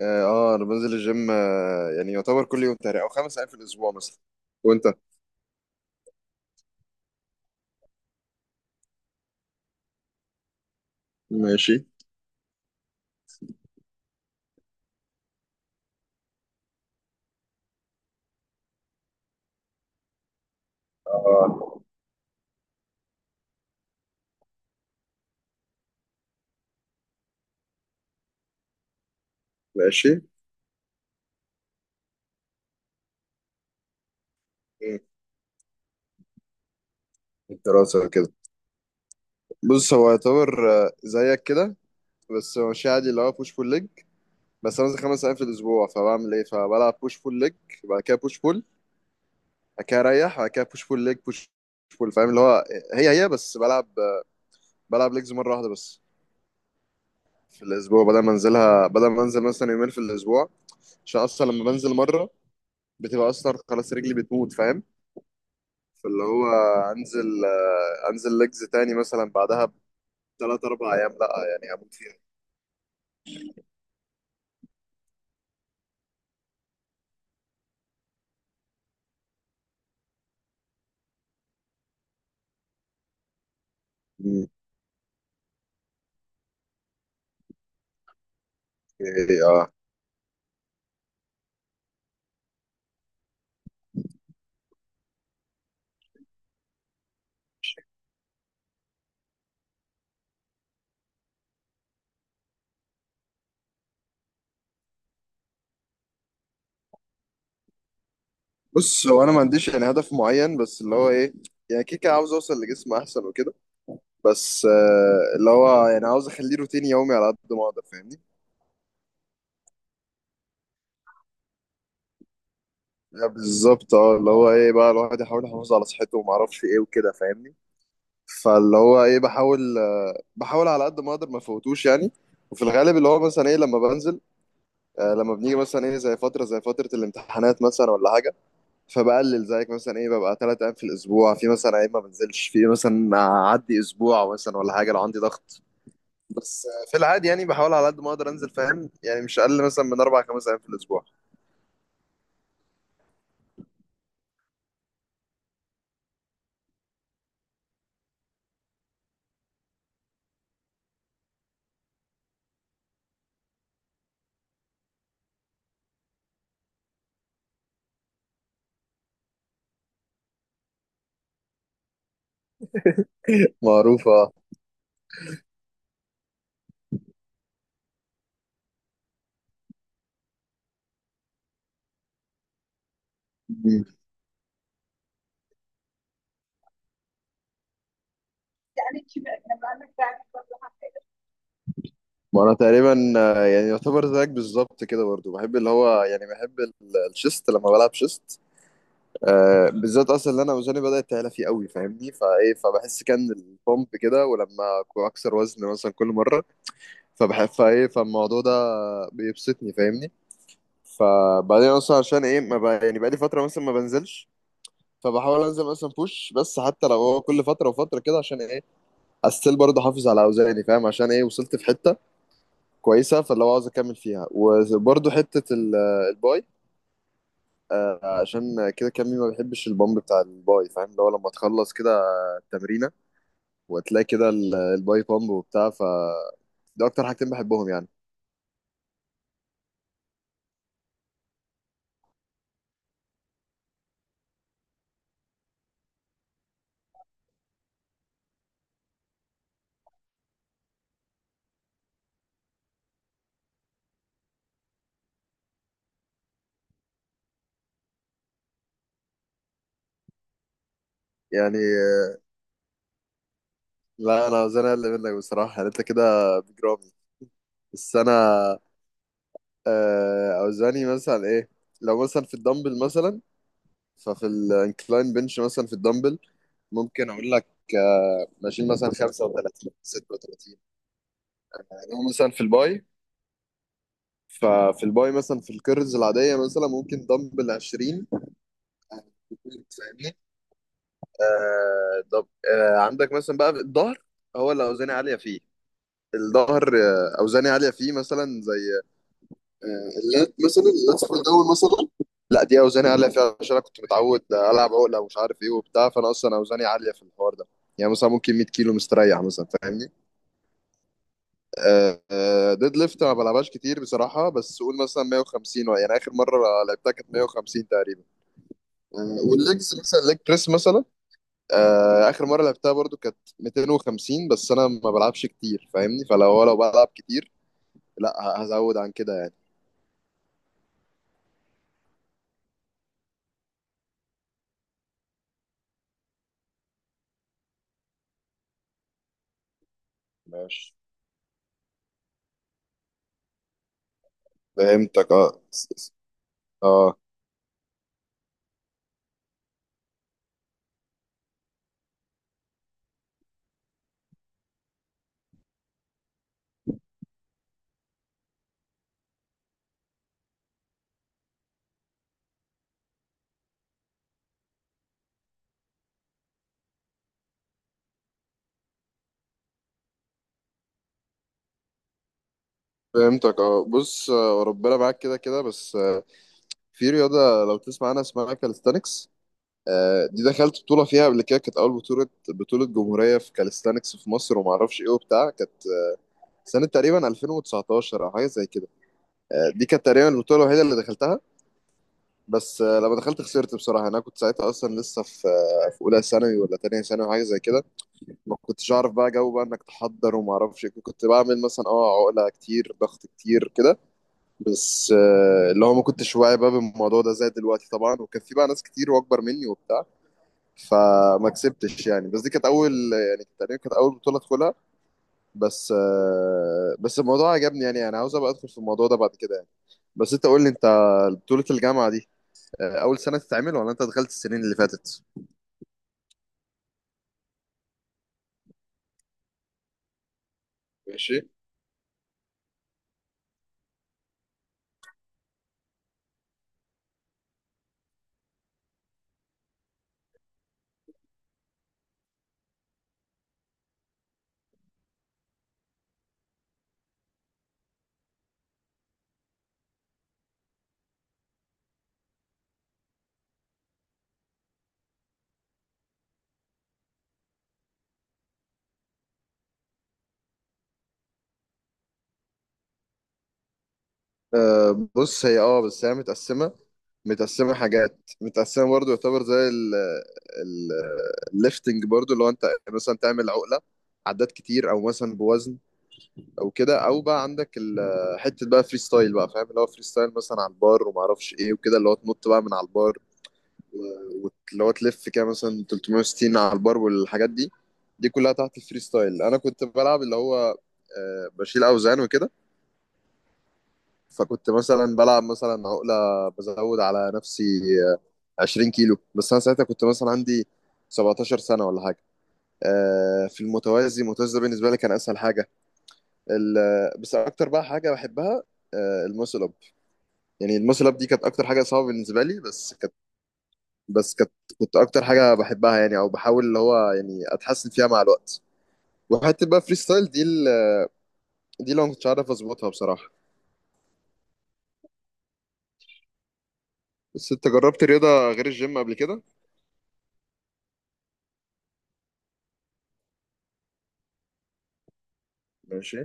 اه، انا بنزل الجيم، يعني يعتبر كل يوم تقريبا، او 5 ايام في الاسبوع مثلا. وانت؟ ماشي. ماشي. مم. الدراسة كده. بص، هو يعتبر زيك كده. بس هو ماشي عادي، اللي هو بوش بول ليج. بس انا بنزل 5 ايام في الاسبوع، فبعمل ايه؟ فبلعب بوش بول ليج، بعد كده بوش بول، بعد كده اريح، بعد كده بوش بول ليج بوش بول. فاهم اللي هو؟ هي بس بلعب، بلعب ليجز مرة واحدة بس في الاسبوع، بدل ما انزلها، بدل ما انزل مثلا يومين في الاسبوع، عشان اصلا لما بنزل مرة بتبقى اصلا خلاص رجلي بتموت، فاهم؟ فاللي هو انزل ليجز تاني مثلا بعدها بثلاث اربع ايام، لا يعني هموت فيها. مم. إيه، اه. بص، هو انا ما عنديش يعني هدف معين، بس اللي هو ايه، يعني كيكه عاوز اوصل لجسم احسن وكده. بس، اللي هو يعني عاوز اخليه روتين يومي على قد ما اقدر، فاهمني؟ بالظبط، اه، اللي هو ايه بقى، الواحد يحاول يحافظ على صحته وما اعرفش ايه وكده، فاهمني؟ فاللي هو ايه، بحاول على قد ما اقدر ما فوتوش يعني. وفي الغالب، اللي هو مثلا ايه لما بنزل، لما بنيجي مثلا ايه، زي فتره الامتحانات مثلا ولا حاجه، فبقلل زيك مثلا، ايه، ببقى 3 ايام في الاسبوع، في مثلا ايام ما بنزلش، في مثلا اعدي اسبوع مثلا ولا حاجه لو عندي ضغط. بس، في العادي يعني بحاول على قد ما اقدر انزل، فاهم؟ يعني مش اقل مثلا من اربع خمس ايام في الاسبوع. معروفة. مم. ما انا تقريبا، يعني يعتبر زيك بالظبط كده برضو. بحب اللي هو، يعني بحب الشيست، لما بلعب شيست بالذات، اصلا اللي انا وزني بدات تعلى فيه قوي، فاهمني؟ فايه، فبحس كان البومب كده، ولما أكون اكسر وزن مثلا كل مره، فبحب، فايه، فالموضوع ده بيبسطني، فاهمني؟ فبعدين اصلا عشان ايه ما بقى يعني، بقالي فتره مثلا ما بنزلش، فبحاول انزل مثلا بوش بس، حتى لو هو كل فتره وفتره كده. عشان ايه؟ استيل برضه احافظ على اوزاني، فاهم؟ عشان ايه وصلت في حته كويسه، فاللي هو عاوز اكمل فيها. وبرضه حته الباي. عشان كده، كمي ما بيحبش البامب بتاع الباي. فاهم اللي هو لما تخلص كده تمرينه، وتلاقي كده الباي بامب وبتاع، ده اكتر حاجتين بحبهم يعني. يعني، لا انا اوزاني اقل منك بصراحه يعني، انت كده بجرامي. بس انا، اوزاني مثلا ايه، لو مثلا في الدمبل مثلا، ففي الانكلاين بنش مثلا في الدمبل ممكن اقول لك، بشيل مثلا 35 36. يعني هو مثلا في الباي، ففي الباي مثلا في الكيرلز العاديه مثلا، ممكن دمبل 20، فاهمني. طب، عندك مثلا بقى الظهر، هو اللي اوزاني عاليه فيه. الظهر اوزاني عاليه فيه، مثلا زي اللات مثلا، اللات في الاول مثلا، لا دي اوزاني عاليه فيها، عشان انا كنت متعود العب عقله ومش عارف ايه وبتاع، فانا اصلا اوزاني عاليه في الحوار ده، يعني مثلا ممكن 100 كيلو مستريح مثلا، فاهمني. ديد ليفت ما بلعبهاش كتير بصراحه، بس قول مثلا 150، يعني اخر مره لعبتها كانت 150 تقريبا. والليجز مثلا ليج بريس مثلا، اخر مره لعبتها برضو كانت 250، بس انا ما بلعبش كتير، فاهمني، فلو هو لو بلعب كتير، لا هزود عن كده يعني. ماشي. فهمتك اه. اه. فهمتك اه. بص، ربنا معاك كده كده. بس، في رياضه لو تسمع عنها اسمها كاليستانكس، دي دخلت بطوله فيها قبل كده، كانت اول بطوله، بطوله جمهوريه في كاليستانكس في مصر، وما اعرفش ايه وبتاع، كانت سنه تقريبا 2019 او حاجه زي كده. دي كانت تقريبا البطوله الوحيده اللي دخلتها. بس، لما دخلت خسرت بصراحه. انا كنت ساعتها اصلا لسه في في، اولى ثانوي ولا تانية ثانوي، حاجه زي كده. ما كنتش اعرف بقى جو بقى انك تحضر وما اعرفش إيه، كنت بعمل مثلا، عقله كتير، ضغط كتير، كده. بس، اللي هو ما كنتش واعي بقى بالموضوع ده زي دلوقتي طبعا، وكان في بقى ناس كتير واكبر مني وبتاع، فما كسبتش يعني. بس دي كانت اول، يعني تقريبا كانت اول بطوله ادخلها، بس. بس الموضوع عجبني، يعني انا عاوز ابقى ادخل في الموضوع ده بعد كده يعني. بس انت قول لي انت، بطوله الجامعه دي اول سنه تتعمل، ولا انت دخلت السنين اللي فاتت؟ ماشي. بص، هي بس هي متقسمه، متقسمه، حاجات متقسمه برضو، يعتبر زي ال ال الليفتنج برضو، اللي هو انت مثلا تعمل عقله عدات كتير، او مثلا بوزن او كده، او بقى عندك حته بقى فري ستايل بقى، فاهم اللي هو فري ستايل؟ مثلا على البار وما اعرفش ايه وكده، اللي هو تنط بقى من على البار، واللي هو تلف كده مثلا 360 على البار والحاجات دي، دي كلها تحت الفري ستايل. انا كنت بلعب اللي هو، بشيل اوزان وكده، فكنت مثلا بلعب مثلا عقله بزود على نفسي 20 كيلو، بس انا ساعتها كنت مثلا عندي 17 سنه ولا حاجه. في المتوازي، المتوازي ده بالنسبه لي كان اسهل حاجه. بس اكتر بقى حاجه بحبها، الماسل اب. يعني الماسل اب دي كانت اكتر حاجه صعبه بالنسبه لي، بس، بس كانت، كنت اكتر حاجه بحبها يعني، او بحاول اللي هو يعني اتحسن فيها مع الوقت. وحته بقى فري ستايل دي، دي اللي أنا ما كنتش عارف اظبطها بصراحه. بس انت جربت رياضه غير الجيم قبل كده؟ ماشي.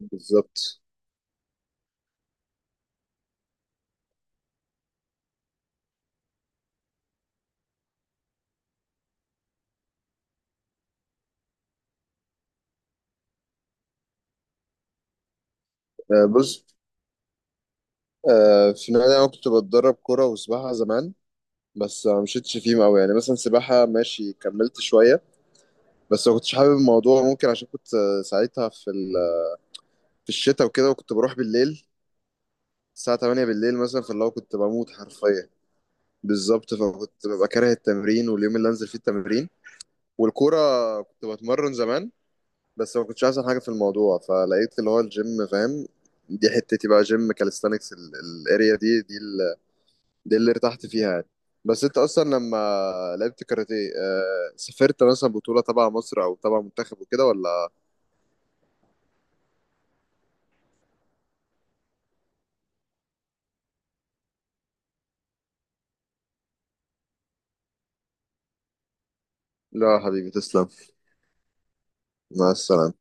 بالظبط. بص، في النادي انا كنت بتدرب كوره وسباحه زمان. بس ما مشيتش فيهم قوي يعني. مثلا سباحه ماشي كملت شويه، بس ما كنتش حابب الموضوع، ممكن عشان كنت، ساعتها في في الشتاء وكده، وكنت بروح بالليل الساعه 8 بالليل مثلا، فاللي هو كنت بموت حرفيا. بالظبط، فكنت ببقى كاره التمرين واليوم اللي انزل فيه التمرين. والكوره، كنت بتمرن زمان، بس ما كنتش احسن حاجه في الموضوع، فلقيت اللي هو الجيم، فاهم. دي حتتي بقى، جيم كاليستانكس، الاريا دي, دي اللي ارتحت فيها يعني. بس انت اصلا لما لعبت كاراتيه، سافرت مثلا بطوله تبع مصر او تبع منتخب وكده ولا؟ لا يا حبيبي، تسلم. مع السلامه.